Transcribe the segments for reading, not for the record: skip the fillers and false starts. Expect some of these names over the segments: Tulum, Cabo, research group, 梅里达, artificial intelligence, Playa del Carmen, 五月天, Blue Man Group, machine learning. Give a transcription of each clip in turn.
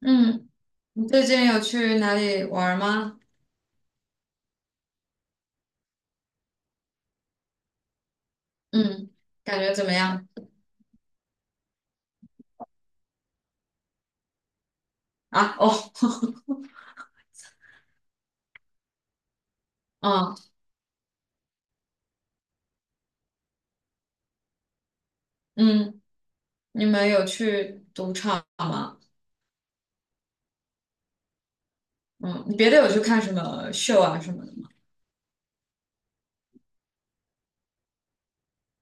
嗯，你最近有去哪里玩儿吗？嗯，感觉怎么样？啊，哦，嗯嗯，你们有去赌场吗？嗯，你别的有去看什么秀啊什么的吗？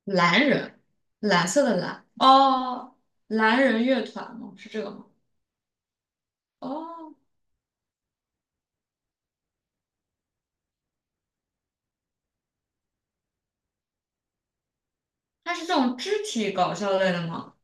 蓝人，蓝色的蓝，哦，蓝人乐团吗？是这个吗？哦，它是这种肢体搞笑类的吗？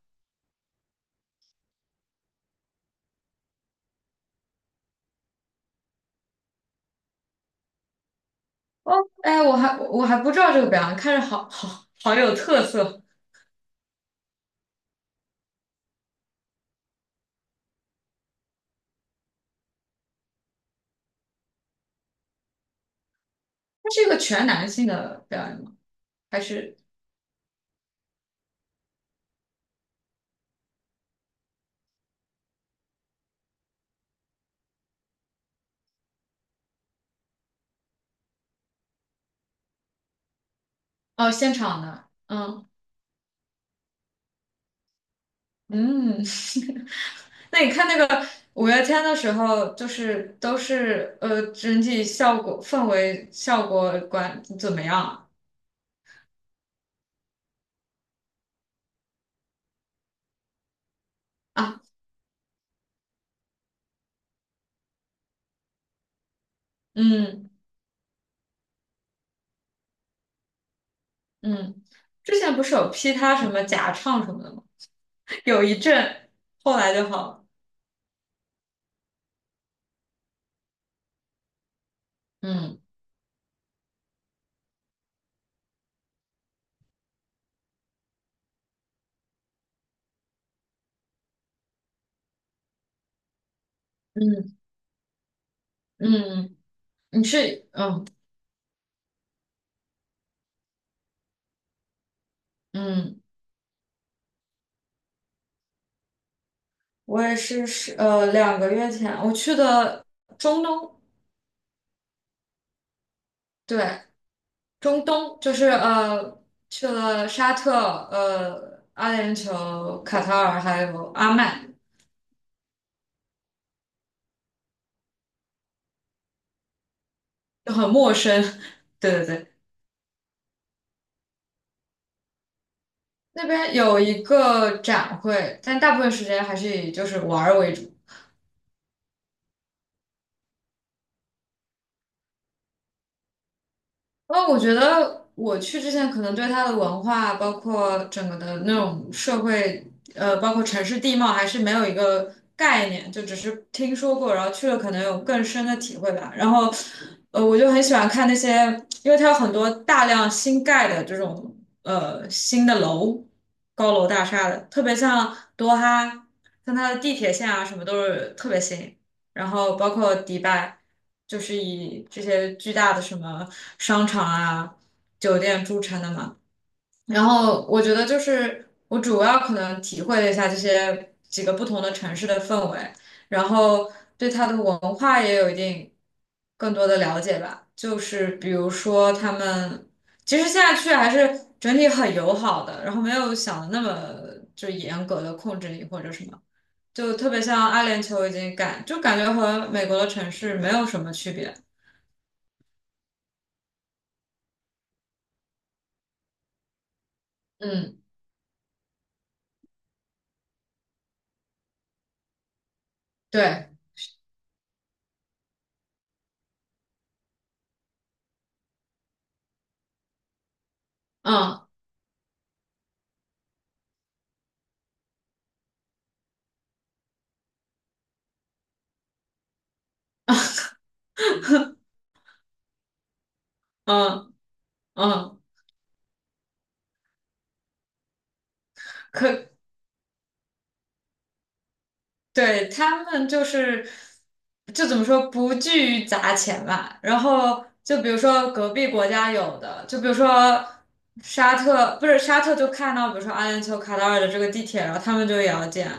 哦，哎，我还不知道这个表演，看着好好好有特色。它是一个全男性的表演吗？还是哦现场的？嗯。嗯，那你看那个五月天的时候，就是都是整体效果、氛围、效果管怎么样啊？啊，嗯嗯，之前不是有批他什么假唱什么的吗？有一阵，后来就好了。嗯嗯嗯。你是嗯嗯，我也是2个月前我去的中东。对，中东就是去了沙特、阿联酋、卡塔尔还有阿曼，就很陌生。对对对，那边有一个展会，但大部分时间还是以就是玩儿为主。哦，我觉得我去之前可能对它的文化，包括整个的那种社会，包括城市地貌，还是没有一个概念，就只是听说过，然后去了可能有更深的体会吧。然后，我就很喜欢看那些，因为它有很多大量新盖的这种新的楼，高楼大厦的，特别像多哈，像它的地铁线啊什么都是特别新。然后包括迪拜，就是以这些巨大的什么商场啊、酒店著称的嘛。然后我觉得就是我主要可能体会了一下这些几个不同的城市的氛围，然后对它的文化也有一定更多的了解吧。就是比如说他们，其实现在去还是整体很友好的，然后没有想的那么就严格的控制你或者什么。就特别像阿联酋已经感觉和美国的城市没有什么区别。嗯，对，嗯嗯嗯，可对，他们就是，就怎么说，不惧于砸钱吧。然后就比如说隔壁国家有的，就比如说沙特，不是沙特就看到，比如说阿联酋、卡塔尔的这个地铁，然后他们就也要建，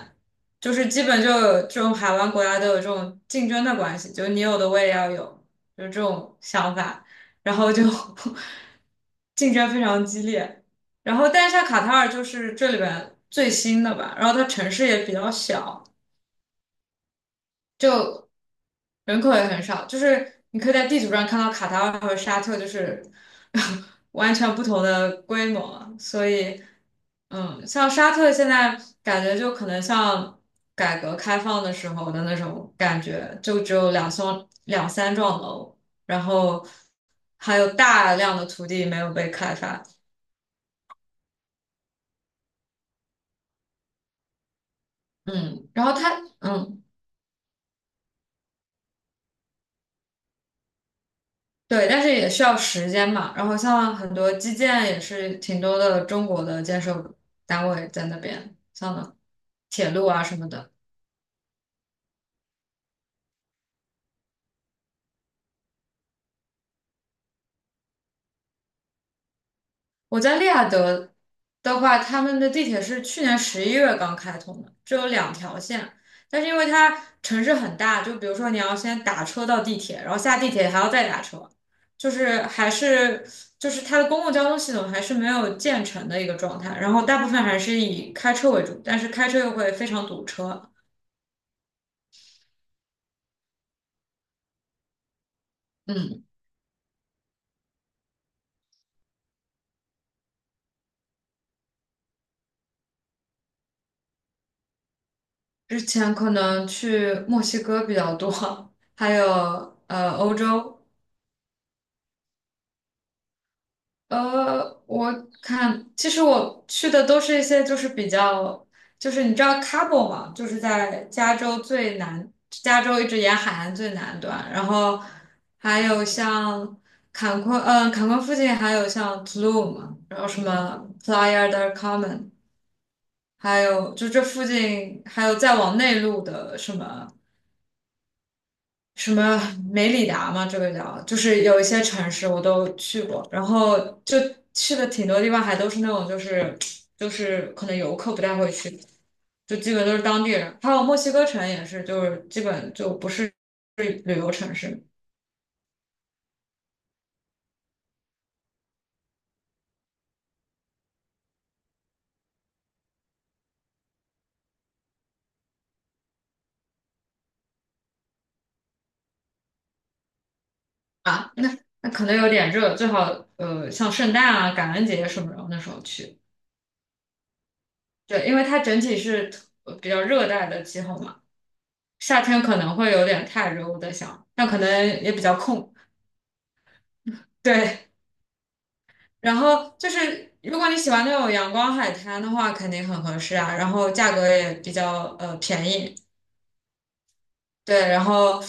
就是基本就有这种海湾国家都有这种竞争的关系，就你有的我也要有，就是这种想法，然后就 竞争非常激烈。然后，但是像卡塔尔就是这里边最新的吧，然后它城市也比较小。就人口也很少，就是你可以在地图上看到卡塔尔和沙特就是 完全不同的规模，所以嗯，像沙特现在感觉就可能像改革开放的时候的那种感觉，就只有两栋两三幢楼，然后还有大量的土地没有被开发，嗯，然后它嗯。对，但是也需要时间嘛。然后像很多基建也是挺多的中国的建设单位在那边，像铁路啊什么的。我在利雅得的话，他们的地铁是去年11月刚开通的，只有2条线。但是因为它城市很大，就比如说你要先打车到地铁，然后下地铁还要再打车，就是还是就是它的公共交通系统还是没有建成的一个状态。然后大部分还是以开车为主，但是开车又会非常堵车。嗯，之前可能去墨西哥比较多，还有欧洲。我看其实我去的都是一些就是比较，就是你知道 Cabo 嘛，就是在加州最南，加州一直沿海岸最南端，然后还有像坎昆，坎昆附近还有像 Tulum，然后什么 Playa del Carmen，还有就这附近还有再往内陆的什么。什么梅里达嘛，这个叫，就是有一些城市我都去过，然后就去的挺多地方，还都是那种就是可能游客不太会去，就基本都是当地人。还有墨西哥城也是，就是基本就不是旅游城市啊。那可能有点热，最好像圣诞啊、感恩节什么的那时候去，对，因为它整体是比较热带的气候嘛，夏天可能会有点太热，我在想，那可能也比较空，对。然后就是，如果你喜欢那种阳光海滩的话，肯定很合适啊。然后价格也比较便宜，对。然后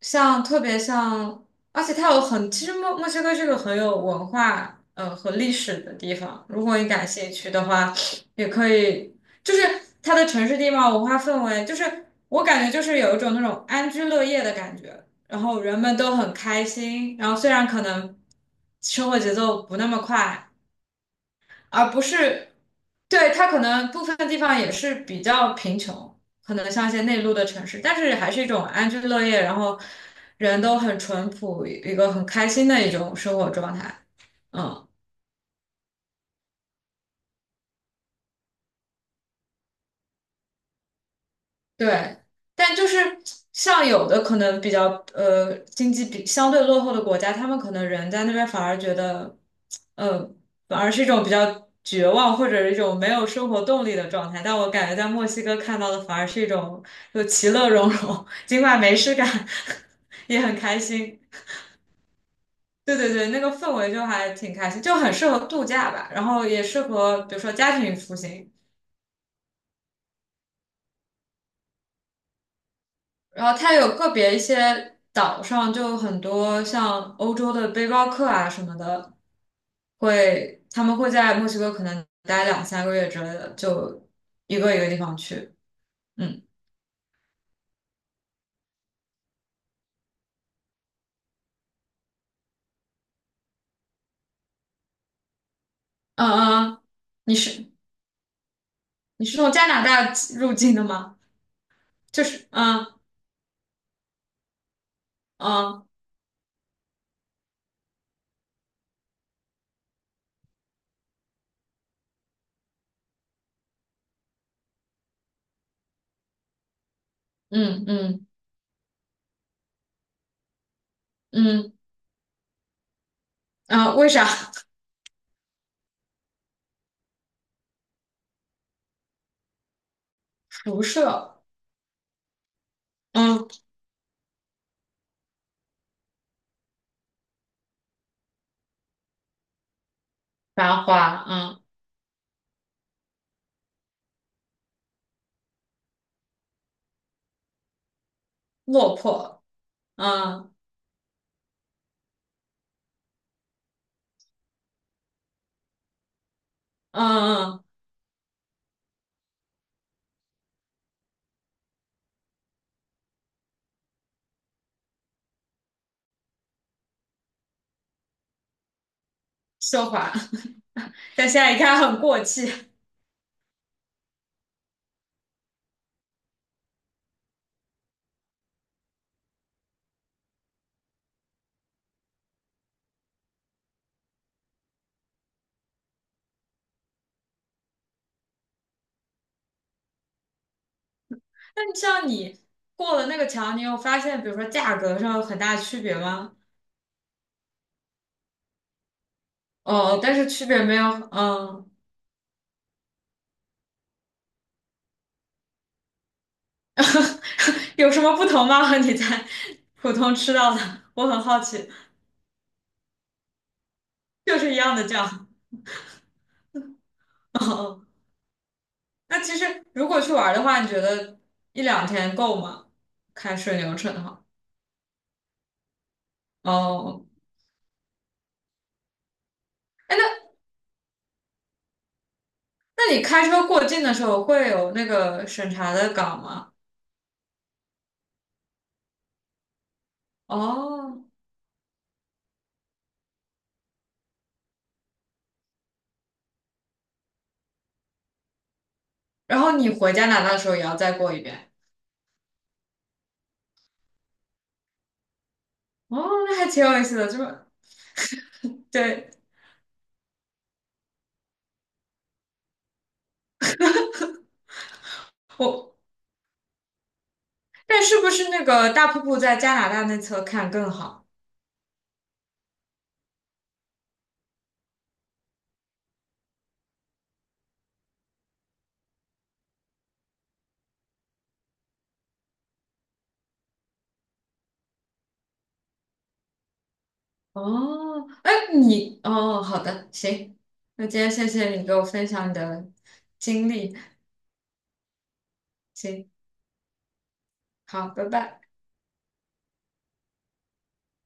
像特别像，而且它有很，其实墨西哥是个很有文化和历史的地方。如果你感兴趣的话，也可以，就是它的城市地貌、文化氛围，就是我感觉就是有一种那种安居乐业的感觉。然后人们都很开心，然后虽然可能生活节奏不那么快。而不是，对，它可能部分地方也是比较贫穷，可能像一些内陆的城市，但是还是一种安居乐业，然后人都很淳朴，一个很开心的一种生活状态。嗯。对，但就是像有的可能比较经济比相对落后的国家，他们可能人在那边反而觉得，呃，反而是一种比较绝望或者是一种没有生活动力的状态。但我感觉在墨西哥看到的反而是一种就其乐融融，尽管没事干，也很开心。对对对，那个氛围就还挺开心，就很适合度假吧，然后也适合比如说家庭旅行。然后它有个别一些岛上就很多像欧洲的背包客啊什么的，他们会在墨西哥可能待两三个月之类的，就一个一个地方去。嗯嗯嗯，你是你是从加拿大入境的吗？就是嗯嗯嗯嗯啊，为啥 辐射？嗯，繁华，嗯，落魄，嗯嗯嗯，奢华，但现在一看很过气。那像你过了那个桥，你有发现，比如说价格上有很大区别吗？哦，但是区别没有，嗯，有什么不同吗？和你在普通吃到的，我很好奇，就是一样的酱。哦，那其实如果去玩的话，你觉得一两天够吗？开顺流程的话，哦，哎，那你开车过境的时候会有那个审查的岗吗？哦，然后你回加拿大的时候也要再过一遍。哦，那还挺有意思的，就是对，我，但是不是那个大瀑布在加拿大那侧看更好？哦，哎，哦，好的，行，那今天谢谢你给我分享你的经历，行，好，拜拜。